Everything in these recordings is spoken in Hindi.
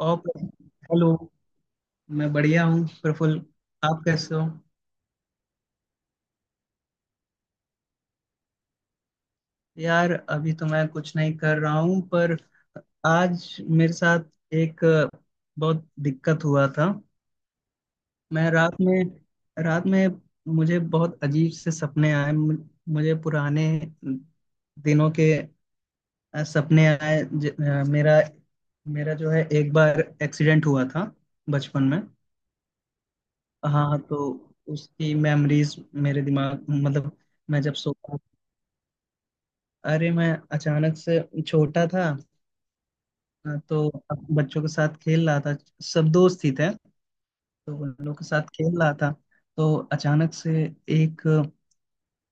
और हेलो। मैं बढ़िया हूँ प्रफुल्ल। आप कैसे हो? यार अभी तो मैं कुछ नहीं कर रहा हूँ पर आज मेरे साथ एक बहुत दिक्कत हुआ था। मैं रात में मुझे बहुत अजीब से सपने आए। मुझे पुराने दिनों के सपने आए। ज, अ, मेरा मेरा जो है एक बार एक्सीडेंट हुआ था बचपन में। हाँ तो उसकी मेमोरीज मेरे दिमाग मतलब। मैं जब सो, अरे मैं अचानक से छोटा था। हाँ, तो अब बच्चों के साथ खेल रहा था। सब दोस्त ही थे। तो उन लोगों के साथ खेल रहा था। तो अचानक से एक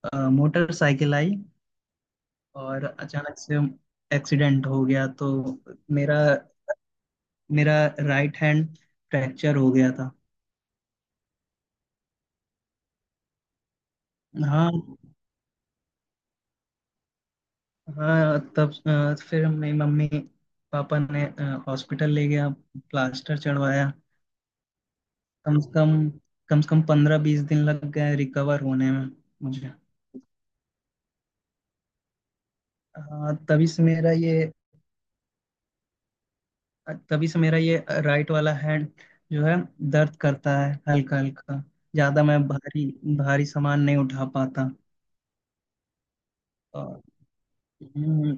मोटरसाइकिल आई और अचानक से एक्सीडेंट हो गया। तो मेरा मेरा राइट हैंड फ्रैक्चर हो गया था। हाँ। हाँ तब फिर मेरी मम्मी पापा ने हॉस्पिटल ले गया। प्लास्टर चढ़वाया। कम से कम कम से कम 15-20 दिन लग गए रिकवर होने में मुझे। हाँ, तभी से मेरा ये राइट वाला हैंड जो है दर्द करता है हल्का हल्का। ज्यादा मैं भारी भारी सामान नहीं उठा पाता। और- हम्म।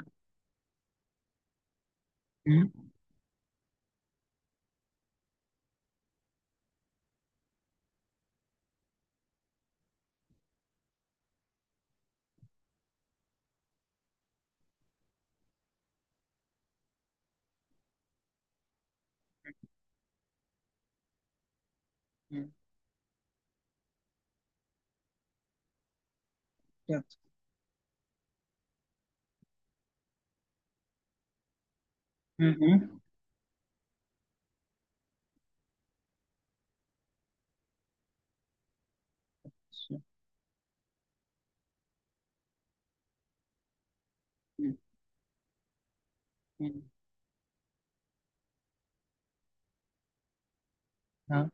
हम्म। हम्म। हम्म। हम्म। हम्म। हम्म। हम्म। हाँ।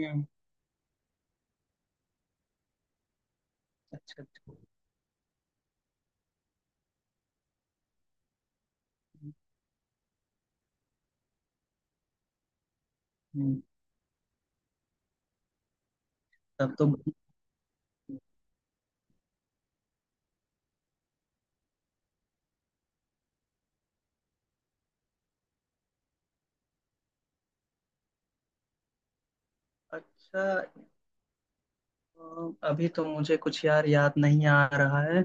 हम्म। अच्छा अच्छा। हम्म, तब तो। अच्छा। अभी तो मुझे कुछ यार याद नहीं आ रहा है।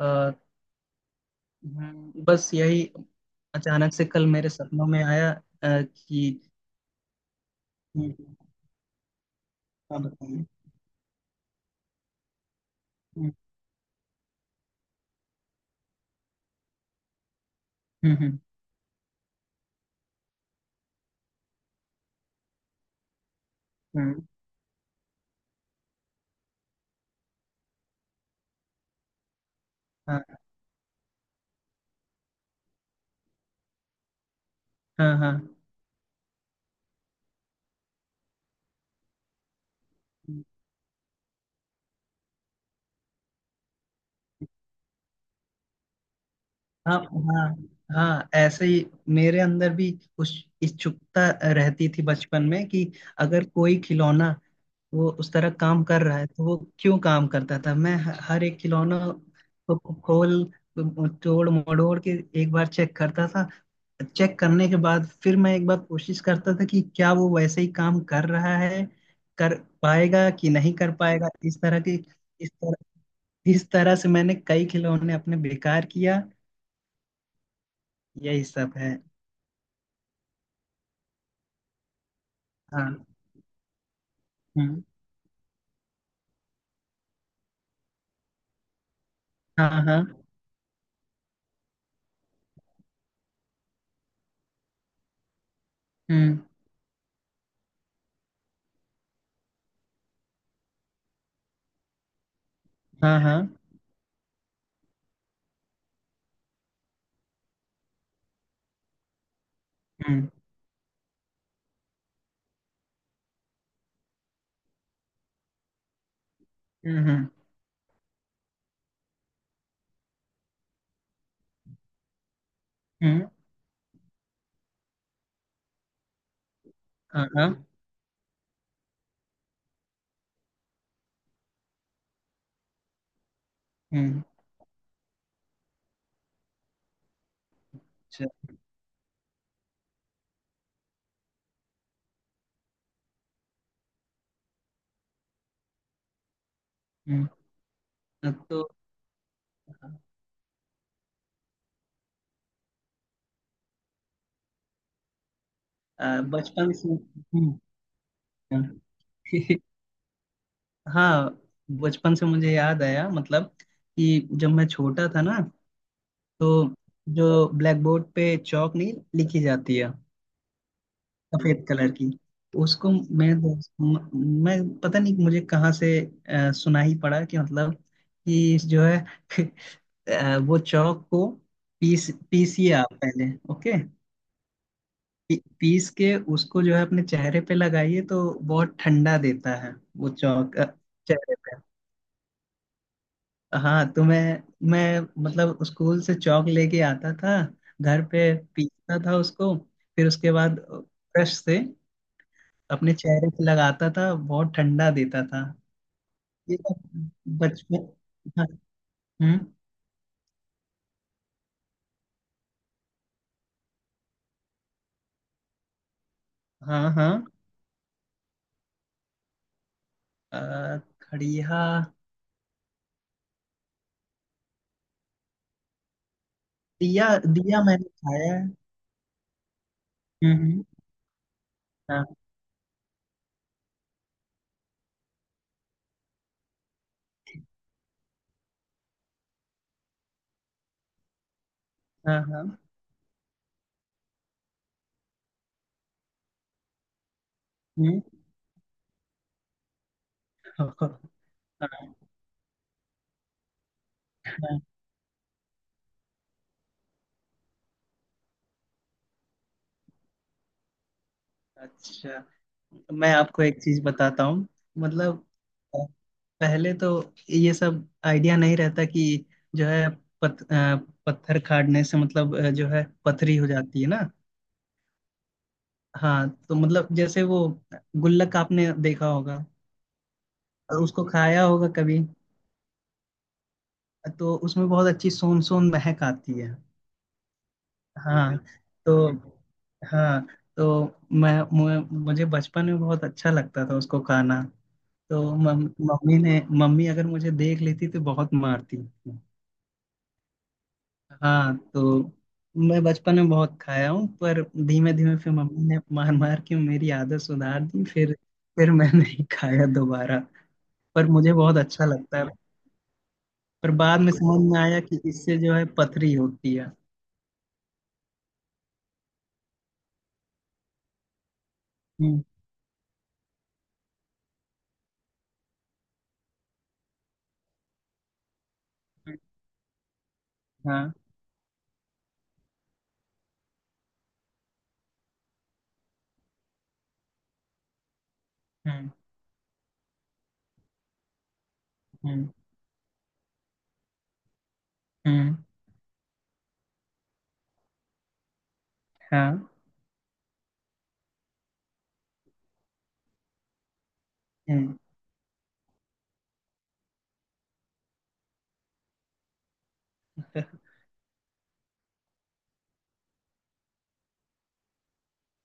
अ, बस यही। अचानक से कल मेरे सपनों में आया। अ, कि हम्म। हाँ, बताइए। हम्म। हम्म। हम्म, हाँ। हाँ। हाँ। हाँ। हाँ। हाँ ऐसे ही मेरे अंदर भी उस इच्छुकता रहती थी बचपन में कि अगर कोई खिलौना वो उस तरह काम कर रहा है तो वो क्यों काम करता था। मैं हर एक खिलौना को खोल तोड़ मड़ोड़ के एक बार चेक करता था। चेक करने के बाद फिर मैं एक बार कोशिश करता था कि क्या वो वैसे ही काम कर रहा है, कर पाएगा कि नहीं कर पाएगा, इस तरह की। इस तरह इस तरह से मैंने कई खिलौने अपने बेकार किया। यही सब है। हाँ। हम्म। हाँ हाँ। हम्म। हाँ हाँ। हम्म। हम्म। हम्म। हम्म, हाँ हाँ। हम्म। अच्छा। हम्म, तो बचपन से। हाँ। हाँ, बचपन से मुझे याद आया मतलब, कि जब मैं छोटा था ना। तो जो ब्लैक बोर्ड पे चौक नहीं लिखी जाती है, सफेद कलर की, उसको मैं मैं पता नहीं मुझे कहाँ से सुना ही पड़ा कि मतलब, कि जो है वो चौक को पीस पीसिए आप पहले, ओके। पीस के उसको जो है अपने चेहरे पे लगाइए तो बहुत ठंडा देता है वो चौक चेहरे पे। हाँ तो मैं मतलब स्कूल से चौक लेके आता था, घर पे पीसता था उसको। फिर उसके बाद ब्रश से अपने चेहरे पे लगाता था, बहुत ठंडा देता था। ये तो बचपन। हाँ। हम्म, हाँ हाँ। खड़िया दिया दिया मैंने खाया है। हम्म। हाँ हाँ हाँ। हम्म। हाँ। हाँ। अच्छा। मैं आपको एक चीज बताता हूँ मतलब अ, पहले तो ये सब आइडिया नहीं रहता कि जो है पत, अ, पत्थर खाड़ने से मतलब जो है पथरी हो जाती है ना। हाँ तो मतलब जैसे वो गुल्लक आपने देखा होगा और उसको खाया होगा कभी। तो उसमें बहुत अच्छी सोन सोन महक आती है। हाँ। तो, हाँ, तो मुझे बचपन में बहुत अच्छा लगता था उसको खाना। तो मम्मी ने, मम्मी अगर मुझे देख लेती तो बहुत मारती। हाँ तो मैं बचपन में बहुत खाया हूँ पर धीमे धीमे फिर मम्मी ने मार मार के मेरी आदत सुधार दी फिर। फिर मैं नहीं खाया दोबारा। पर मुझे बहुत अच्छा लगता है। पर बाद में समझ में आया कि इससे जो है पथरी होती है। हम्म। हाँ। हम्म। हम्म। हम्म। हाँ। हम्म।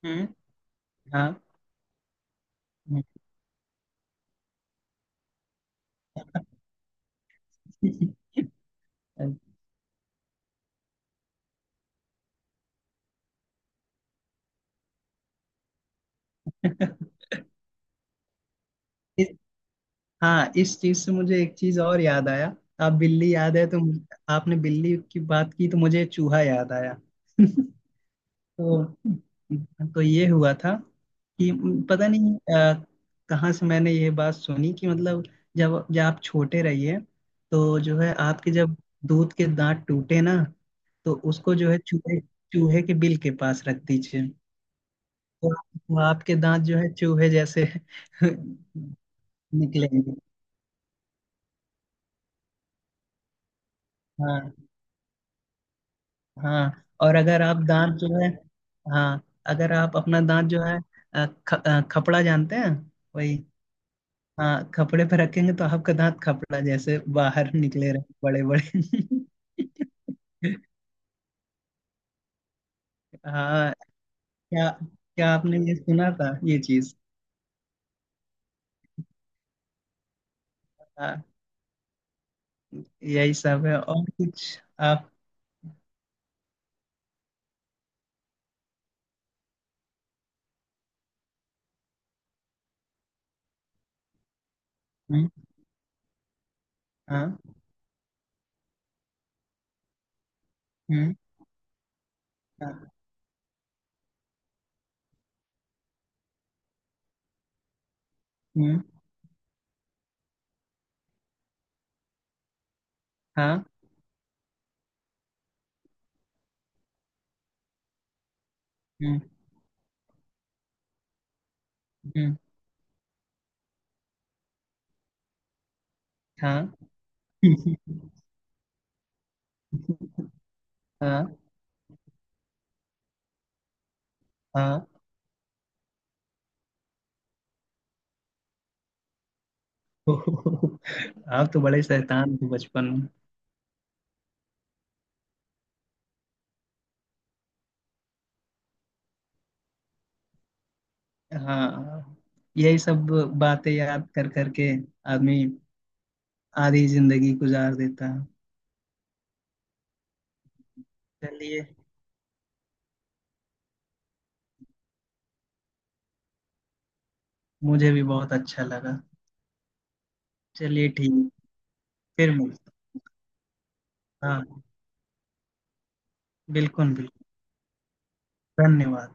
हम्म, हाँ। हम्म। हाँ, इस चीज से मुझे एक चीज और याद आया। आप बिल्ली याद है तो आपने बिल्ली की बात की तो मुझे चूहा याद आया। तो तो ये हुआ था कि पता नहीं कहाँ से मैंने ये बात सुनी कि मतलब, जब जब आप छोटे रहिए तो जो है आपके, जब दूध के दांत टूटे ना, तो उसको जो है चूहे चूहे के बिल के पास रख दीजिए। तो वो आपके दांत जो है चूहे जैसे निकलेंगे। हाँ। हाँ। और अगर आप दांत जो है, हाँ, अगर आप अपना दांत जो है खपड़ा जानते हैं। वही, हाँ, खपड़े पे रखेंगे तो आपका दांत खपड़ा जैसे बाहर निकले रहे बड़े बड़े। हाँ। क्या क्या आपने ये सुना था ये चीज? हाँ यही सब है। और कुछ आप? हम्म, हाँ। हम्म। हाँ। हम्म। हाँ। हम्म। हम्म, हाँ। हाँ। हाँ। आप तो बड़े शैतान थे बचपन। हाँ। यही सब बातें याद कर करके आदमी आधी जिंदगी गुजार देता है। चलिए, मुझे भी बहुत अच्छा लगा। चलिए ठीक। फिर मिलते हैं। हाँ बिल्कुल बिल्कुल। धन्यवाद।